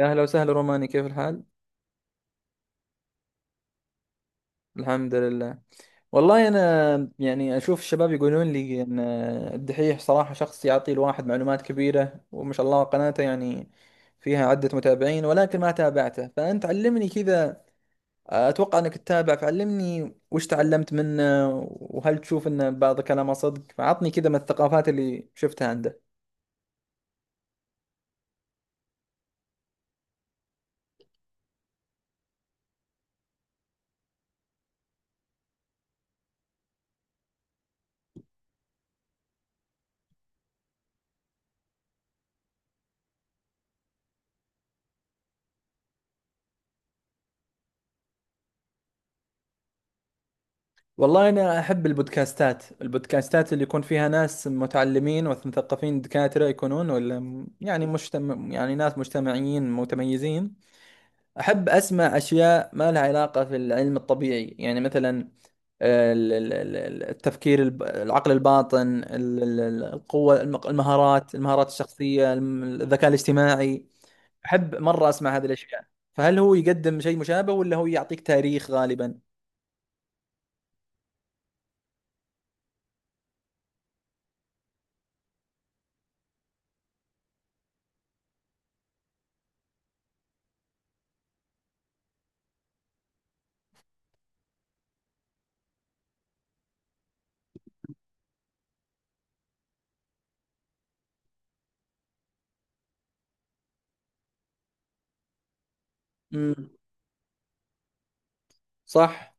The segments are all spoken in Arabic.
يا أهلا وسهلا روماني، كيف الحال؟ الحمد لله. والله أنا يعني أشوف الشباب يقولون لي أن الدحيح صراحة شخص يعطي الواحد معلومات كبيرة، وما شاء الله قناته يعني فيها عدة متابعين، ولكن ما تابعته فأنت علمني كذا. أتوقع أنك تتابع فعلمني وش تعلمت منه، وهل تشوف أن بعض كلامه صدق؟ فعطني كذا من الثقافات اللي شفتها عنده. والله أنا أحب البودكاستات، اللي يكون فيها ناس متعلمين ومثقفين، دكاترة يكونون ولا يعني مجتمع، يعني ناس مجتمعيين متميزين. أحب أسمع أشياء ما لها علاقة في العلم الطبيعي، يعني مثلا التفكير العقل الباطن، القوة، المهارات الشخصية، الذكاء الاجتماعي. أحب مرة أسمع هذه الأشياء. فهل هو يقدم شيء مشابه ولا هو يعطيك تاريخ غالبا؟ امم صح.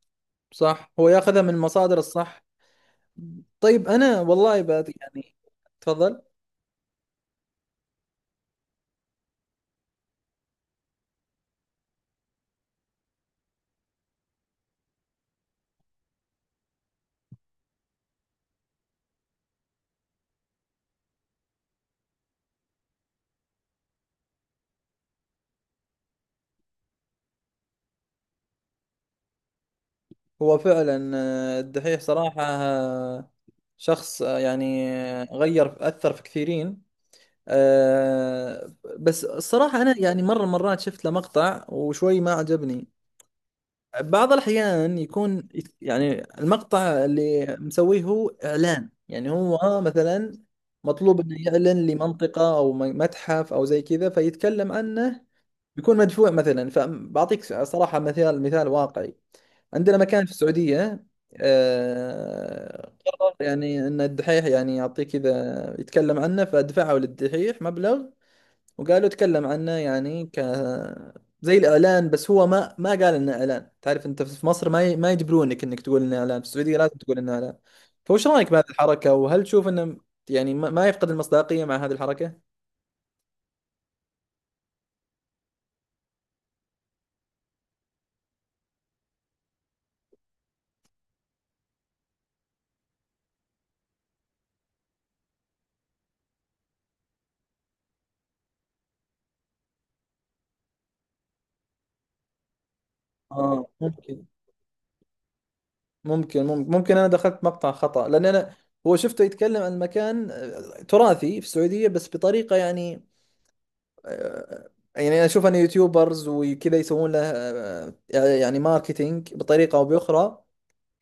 صح، هو ياخذها من المصادر الصح. طيب انا والله بات يعني. تفضل. هو فعلا الدحيح صراحة شخص غير اثر في كثيرين. آه، بس الصراحة انا يعني مرة مرات شفت له مقطع وشوي ما عجبني. بعض الاحيان يكون يعني المقطع اللي مسويه هو اعلان، يعني هو مثلا مطلوب انه يعلن لمنطقة او متحف او زي كذا فيتكلم عنه، بيكون مدفوع مثلا. فبعطيك صراحة مثال، مثال واقعي: عندنا مكان في السعودية قرر يعني ان الدحيح يعني يعطيه كذا يتكلم عنه، فدفعوا للدحيح مبلغ وقالوا تكلم عنه، يعني ك زي الاعلان، بس هو ما قال انه اعلان. تعرف انت في مصر ما يجبرونك انك تقول انه اعلان، في السعودية لازم تقول انه اعلان. فوش رايك بهذه الحركة، وهل تشوف انه يعني ما يفقد المصداقية مع هذه الحركة؟ اه ممكن. ممكن، ممكن، ممكن، انا دخلت مقطع خطأ لان انا هو شفته يتكلم عن مكان تراثي في السعودية، بس بطريقة يعني يعني انا اشوف ان يوتيوبرز وكذا يسوون له، يعني ماركتينج بطريقة او باخرى.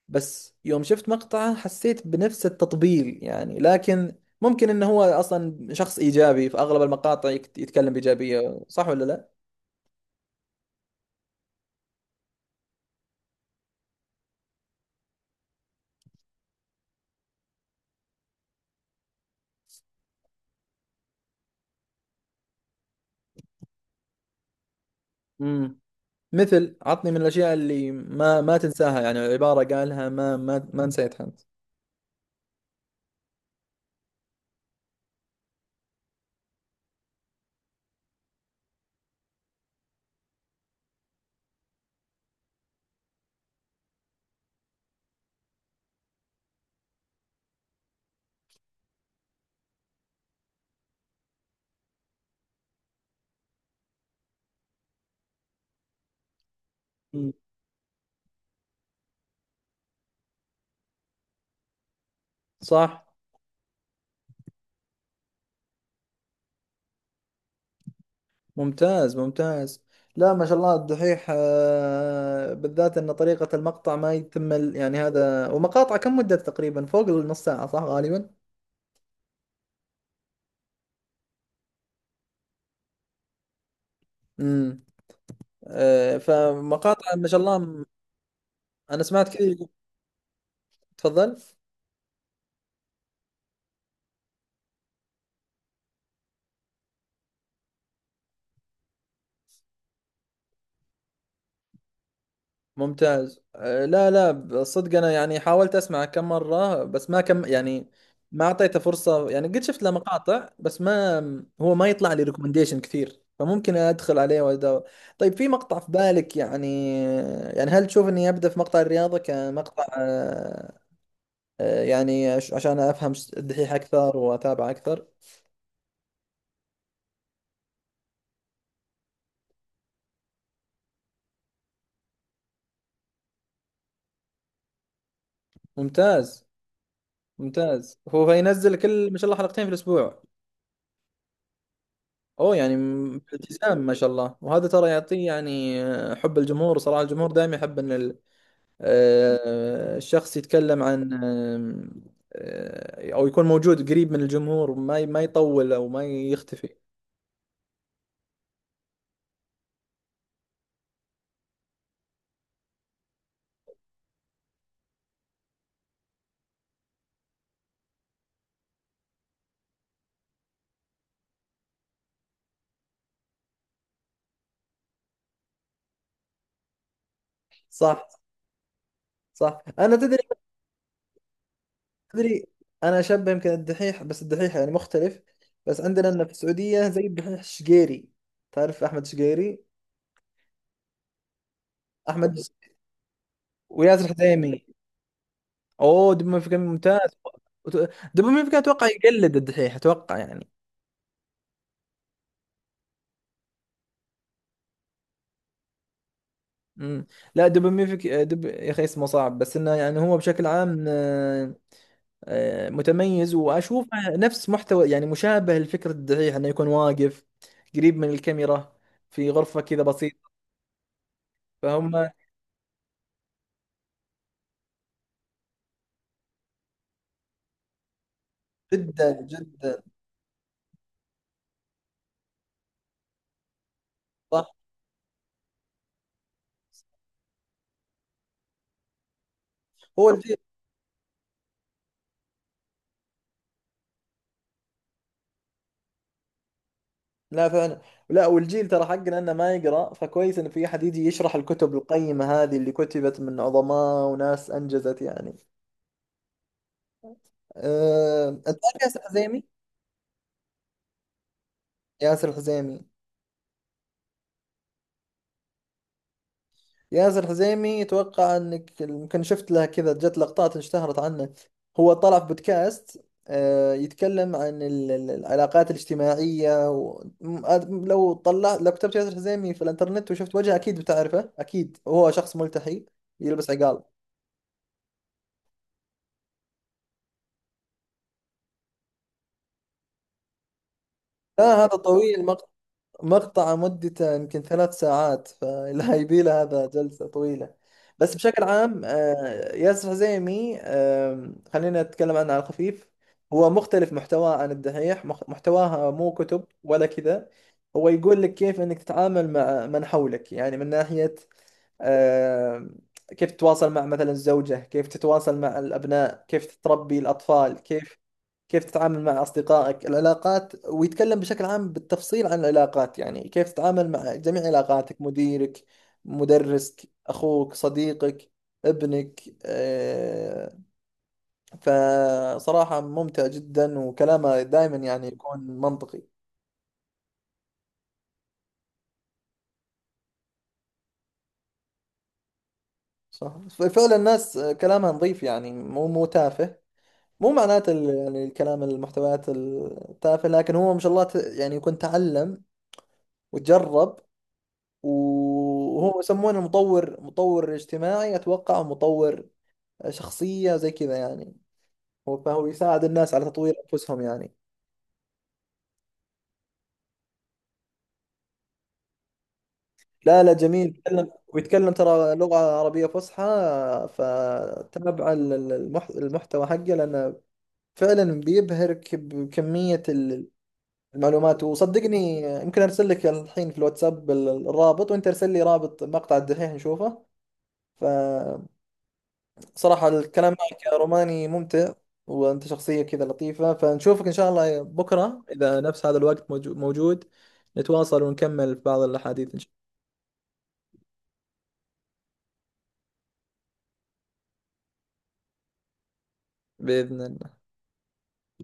بس يوم شفت مقطعه حسيت بنفس التطبيل يعني، لكن ممكن انه هو اصلا شخص ايجابي في اغلب المقاطع، يتكلم بايجابية، صح ولا لا؟ امم مثل، عطني من الاشياء اللي ما تنساها، يعني عبارة قالها ما نسيتها انت. صح. ممتاز، ممتاز. لا ما شاء الله الدحيح بالذات ان طريقة المقطع ما يتم يعني هذا، ومقاطع كم مدة تقريبا؟ فوق النص ساعة صح غالبا. امم فمقاطع ما شاء الله انا سمعت كثير. تفضل. ممتاز. لا لا، صدق انا يعني حاولت اسمع كم مره بس ما كم يعني، ما اعطيته فرصه يعني، قد شفت له مقاطع بس ما هو ما يطلع لي ريكومنديشن كثير، فممكن ادخل عليه وادور. طيب في مقطع في بالك يعني، يعني هل تشوف اني ابدا في مقطع الرياضه كمقطع يعني عشان افهم الدحيح اكثر واتابع اكثر؟ ممتاز، ممتاز. هو ينزل كل ما شاء الله حلقتين في الاسبوع؟ اوه، يعني التزام ما شاء الله. وهذا ترى يعطيه يعني حب الجمهور، صراحة الجمهور دائما يحب ان الشخص يتكلم عن او يكون موجود قريب من الجمهور، ما يطول او ما يختفي. صح. صح. انا تدري، تدري انا شبه يمكن الدحيح، بس الدحيح يعني مختلف، بس عندنا لنا في السعودية زي الدحيح الشقيري. تعرف احمد شقيري؟ احمد وياسر حزيمي. اوه، دبي مفكر ممتاز. دبي مفكر اتوقع يقلد الدحيح، اتوقع يعني. امم لا، دبوميفيك دب يا اخي اسمه صعب، بس انه يعني هو بشكل عام متميز، واشوفه نفس محتوى، يعني مشابه لفكرة الدحيح، انه يكون واقف قريب من الكاميرا، في غرفة كذا بسيطة. فهم. جدا جدا. صح. هو الجيل، لا فعلا لا، والجيل ترى حقنا انه ما يقرا، فكويس ان في احد يجي يشرح الكتب القيمة هذه اللي كتبت من عظماء وناس انجزت يعني. انت عارف ياسر الحزيمي؟ ياسر الحزيمي. ياسر حزيمي، اتوقع انك يمكن شفت له كذا، جت لقطات اشتهرت عنه. هو طلع في بودكاست يتكلم عن العلاقات الاجتماعية لو طلع، لو كتبت ياسر حزيمي في الانترنت وشفت وجهه اكيد بتعرفه، اكيد هو شخص ملتحي يلبس عقال. لا هذا طويل، مقطع مدته يمكن ثلاث ساعات فلا يبيله هذا جلسة طويلة. بس بشكل عام ياسر حزيمي، خلينا نتكلم عنه على الخفيف. هو مختلف محتواه عن الدحيح، محتواها مو كتب ولا كذا، هو يقول لك كيف انك تتعامل مع من حولك، يعني من ناحية آم، كيف تتواصل مع مثلا الزوجة، كيف تتواصل مع الأبناء، كيف تربي الأطفال، كيف كيف تتعامل مع أصدقائك. العلاقات، ويتكلم بشكل عام بالتفصيل عن العلاقات، يعني كيف تتعامل مع جميع علاقاتك: مديرك، مدرسك، أخوك، صديقك، ابنك فصراحة ممتع جدا، وكلامه دائما يعني يكون منطقي. صح فعلا، الناس كلامها نظيف، يعني مو مو تافه، مو معناته يعني الكلام المحتويات التافهة، لكن هو ما شاء الله يعني يكون تعلم وتجرب. وهو يسمونه مطور، مطور اجتماعي اتوقع، أو مطور شخصية زي كذا يعني، هو فهو يساعد الناس على تطوير انفسهم يعني. لا لا، جميل، يتكلم ويتكلم ترى لغة عربية فصحى، فتابع المحتوى حقه، لأنه فعلا بيبهرك بكمية المعلومات. وصدقني يمكن ارسل لك الحين في الواتساب الرابط، وانت ارسل لي رابط مقطع الدحيح نشوفه. ف صراحة الكلام معك يا روماني ممتع، وأنت شخصية كذا لطيفة، فنشوفك إن شاء الله بكرة إذا نفس هذا الوقت موجود، نتواصل ونكمل في بعض الأحاديث. إن شاء الله، بإذن الله.